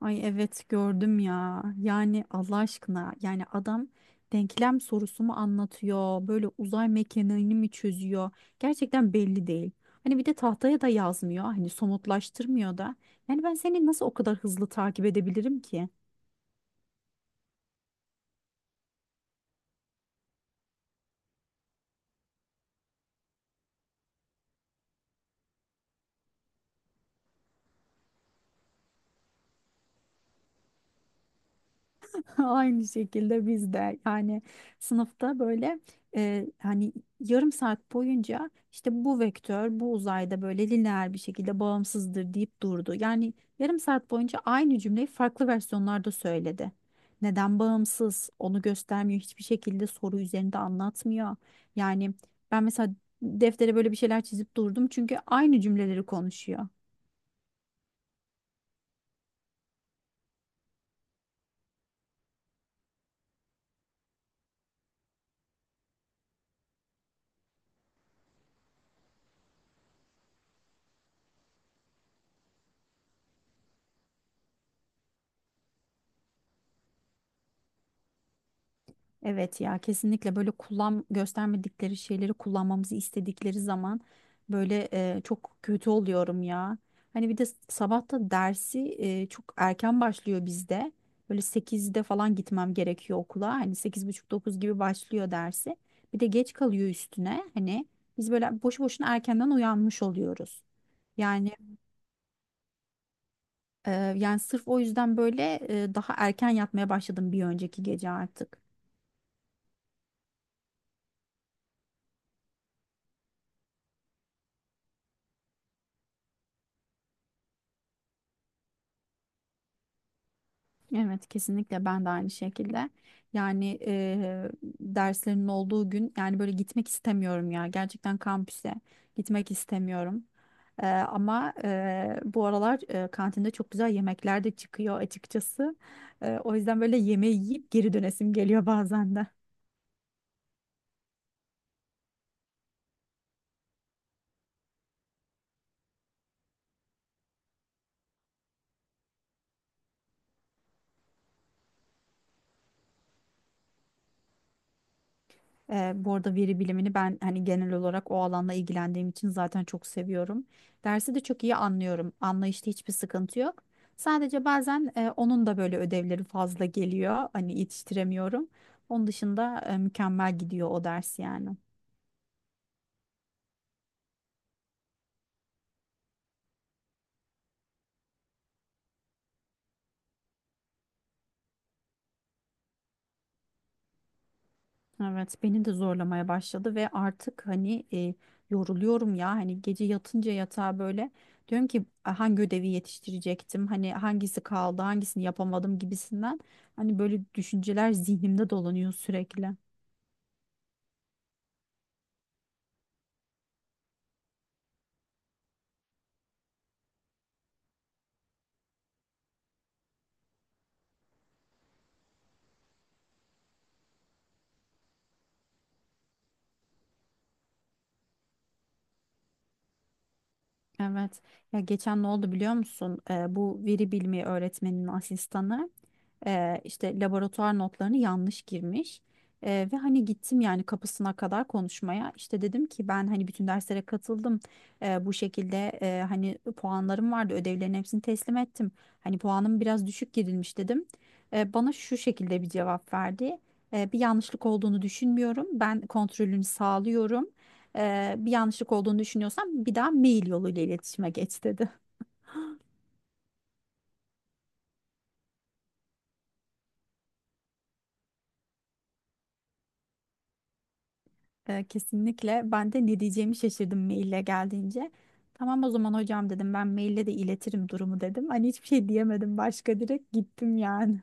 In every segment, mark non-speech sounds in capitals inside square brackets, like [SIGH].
Ay evet gördüm ya. Yani Allah aşkına yani adam denklem sorusu mu anlatıyor? Böyle uzay mekaniğini mi çözüyor? Gerçekten belli değil. Hani bir de tahtaya da yazmıyor. Hani somutlaştırmıyor da. Yani ben seni nasıl o kadar hızlı takip edebilirim ki? [LAUGHS] Aynı şekilde biz de yani sınıfta böyle hani yarım saat boyunca işte bu vektör bu uzayda böyle lineer bir şekilde bağımsızdır deyip durdu. Yani yarım saat boyunca aynı cümleyi farklı versiyonlarda söyledi. Neden bağımsız onu göstermiyor, hiçbir şekilde soru üzerinde anlatmıyor. Yani ben mesela deftere böyle bir şeyler çizip durdum çünkü aynı cümleleri konuşuyor. Evet ya kesinlikle böyle kullan göstermedikleri şeyleri kullanmamızı istedikleri zaman böyle çok kötü oluyorum ya. Hani bir de sabah da dersi çok erken başlıyor bizde. Böyle sekizde falan gitmem gerekiyor okula. Hani sekiz buçuk dokuz gibi başlıyor dersi. Bir de geç kalıyor üstüne. Hani biz böyle boşu boşuna erkenden uyanmış oluyoruz. Yani e, yani sırf o yüzden böyle daha erken yatmaya başladım bir önceki gece artık. Evet kesinlikle ben de aynı şekilde. Yani derslerin olduğu gün yani böyle gitmek istemiyorum ya. Gerçekten kampüse gitmek istemiyorum. Ama bu aralar kantinde çok güzel yemekler de çıkıyor açıkçası. O yüzden böyle yemeği yiyip geri dönesim geliyor bazen de. Bu arada veri bilimini ben hani genel olarak o alanla ilgilendiğim için zaten çok seviyorum. Dersi de çok iyi anlıyorum. Anlayışta hiçbir sıkıntı yok. Sadece bazen onun da böyle ödevleri fazla geliyor. Hani yetiştiremiyorum. Onun dışında mükemmel gidiyor o ders yani. Evet, beni de zorlamaya başladı ve artık hani yoruluyorum ya, hani gece yatınca yatağa böyle diyorum ki "A, hangi ödevi yetiştirecektim, hani hangisi kaldı, hangisini yapamadım" gibisinden, hani böyle düşünceler zihnimde dolanıyor sürekli. Evet ya geçen ne oldu biliyor musun? Bu veri bilimi öğretmeninin asistanı işte laboratuvar notlarını yanlış girmiş. Ve hani gittim yani kapısına kadar konuşmaya. İşte dedim ki ben hani bütün derslere katıldım. Bu şekilde hani puanlarım vardı. Ödevlerin hepsini teslim ettim. Hani puanım biraz düşük girilmiş dedim. Bana şu şekilde bir cevap verdi. Bir yanlışlık olduğunu düşünmüyorum. Ben kontrolünü sağlıyorum. Bir yanlışlık olduğunu düşünüyorsam bir daha mail yoluyla iletişime geç dedi. Kesinlikle. Ben de ne diyeceğimi şaşırdım maille geldiğince. Tamam o zaman hocam dedim, ben maille de iletirim durumu dedim. Hani hiçbir şey diyemedim başka, direkt gittim yani.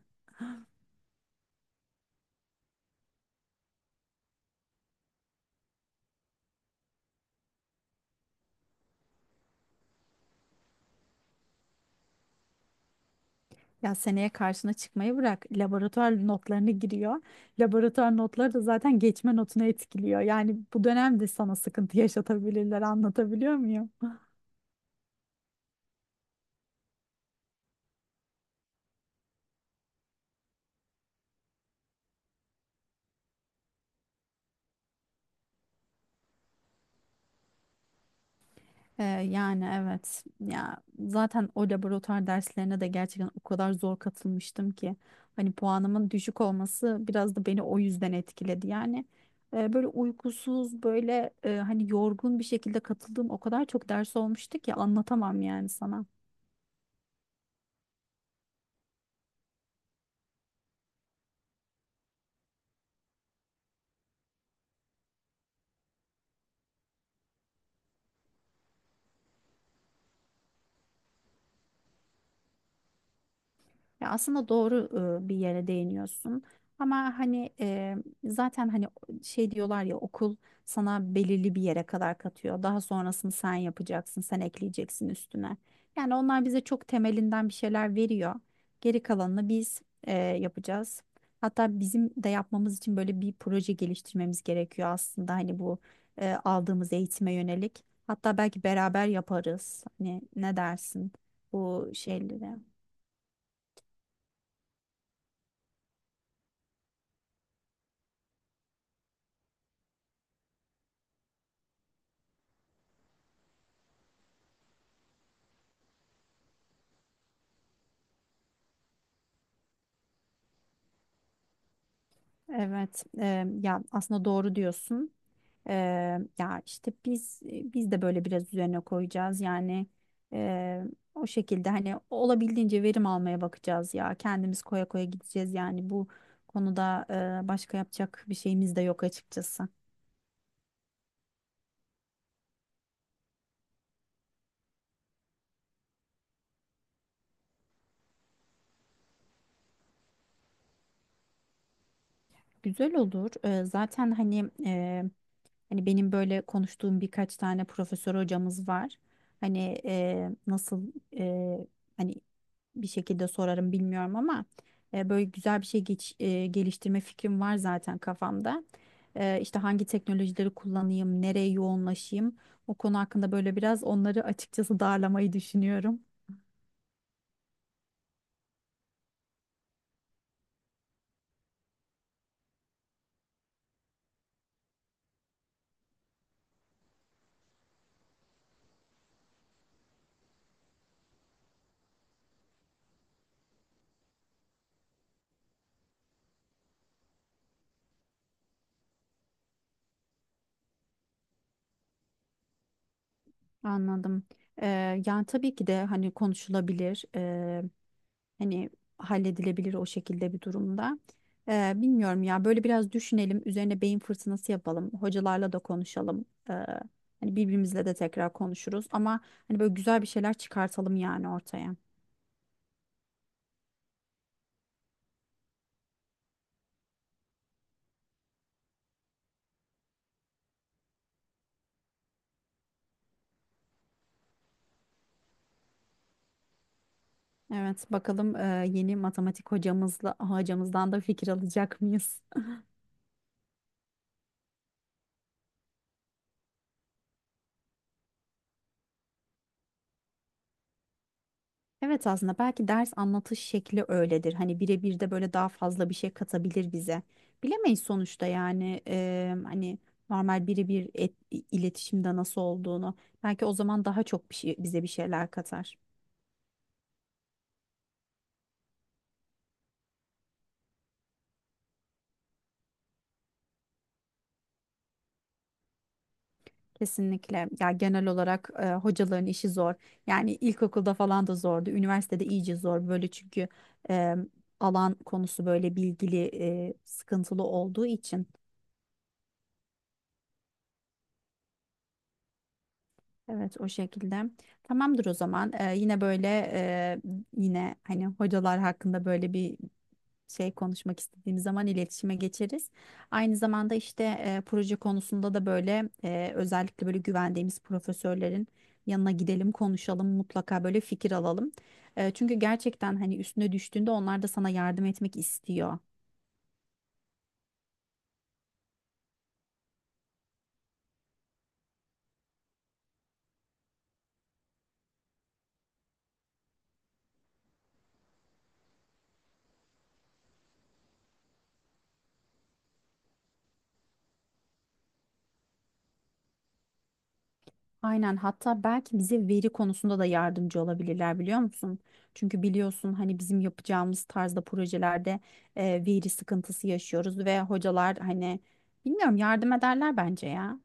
Ya seneye karşına çıkmayı bırak. Laboratuvar notlarını giriyor. Laboratuvar notları da zaten geçme notunu etkiliyor. Yani bu dönemde sana sıkıntı yaşatabilirler, anlatabiliyor muyum? Yani evet ya, zaten o laboratuvar derslerine de gerçekten o kadar zor katılmıştım ki hani puanımın düşük olması biraz da beni o yüzden etkiledi yani. Böyle uykusuz, böyle hani yorgun bir şekilde katıldığım o kadar çok ders olmuştu ki anlatamam yani sana. Ya aslında doğru bir yere değiniyorsun. Ama hani zaten hani şey diyorlar ya, okul sana belirli bir yere kadar katıyor. Daha sonrasını sen yapacaksın, sen ekleyeceksin üstüne. Yani onlar bize çok temelinden bir şeyler veriyor. Geri kalanını biz yapacağız. Hatta bizim de yapmamız için böyle bir proje geliştirmemiz gerekiyor aslında, hani bu aldığımız eğitime yönelik. Hatta belki beraber yaparız. Hani ne dersin bu şeylere? Evet, ya aslında doğru diyorsun. E, Ya işte biz de böyle biraz üzerine koyacağız. Yani e, o şekilde hani olabildiğince verim almaya bakacağız ya. Kendimiz koya koya gideceğiz yani bu konuda, başka yapacak bir şeyimiz de yok açıkçası. Güzel olur. Zaten hani hani benim böyle konuştuğum birkaç tane profesör hocamız var. Hani nasıl e, hani bir şekilde sorarım bilmiyorum ama böyle güzel bir şey geliştirme fikrim var zaten kafamda. İşte hangi teknolojileri kullanayım, nereye yoğunlaşayım, o konu hakkında böyle biraz onları açıkçası darlamayı düşünüyorum. Anladım. E, Yani tabii ki de hani konuşulabilir. Hani halledilebilir o şekilde bir durumda. Bilmiyorum ya, böyle biraz düşünelim. Üzerine beyin fırtınası yapalım. Hocalarla da konuşalım. Ee, Hani birbirimizle de tekrar konuşuruz. Ama hani böyle güzel bir şeyler çıkartalım yani ortaya. Evet bakalım, yeni matematik hocamızla hocamızdan da fikir alacak mıyız? Evet aslında belki ders anlatış şekli öyledir. Hani birebir de böyle daha fazla bir şey katabilir bize. Bilemeyiz sonuçta yani hani normal birebir iletişimde nasıl olduğunu. Belki o zaman daha çok bir şey, bize bir şeyler katar. Kesinlikle. Ya genel olarak hocaların işi zor. Yani ilkokulda falan da zordu. Üniversitede iyice zor böyle çünkü eee, alan konusu böyle bilgili, sıkıntılı olduğu için. Evet o şekilde. Tamamdır o zaman. Yine böyle e, yine hani hocalar hakkında böyle bir şey konuşmak istediğimiz zaman iletişime geçeriz. Aynı zamanda işte proje konusunda da böyle özellikle böyle güvendiğimiz profesörlerin yanına gidelim, konuşalım, mutlaka böyle fikir alalım. Çünkü gerçekten hani üstüne düştüğünde onlar da sana yardım etmek istiyor. Aynen, hatta belki bize veri konusunda da yardımcı olabilirler biliyor musun? Çünkü biliyorsun hani bizim yapacağımız tarzda projelerde veri sıkıntısı yaşıyoruz ve hocalar hani bilmiyorum, yardım ederler bence ya.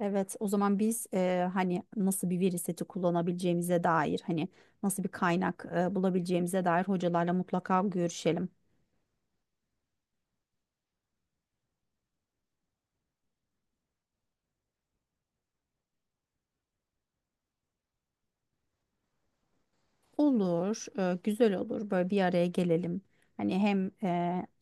Evet o zaman biz hani nasıl bir veri seti kullanabileceğimize dair, hani nasıl bir kaynak bulabileceğimize dair hocalarla mutlaka görüşelim. Olur, güzel olur. Böyle bir araya gelelim. Hani hem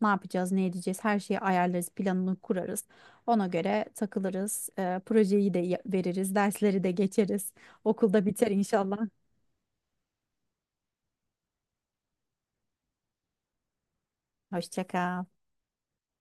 ne yapacağız, ne edeceğiz, her şeyi ayarlarız, planını kurarız. Ona göre takılırız. Projeyi de veririz, dersleri de geçeriz. Okulda biter inşallah. Hoşça kal.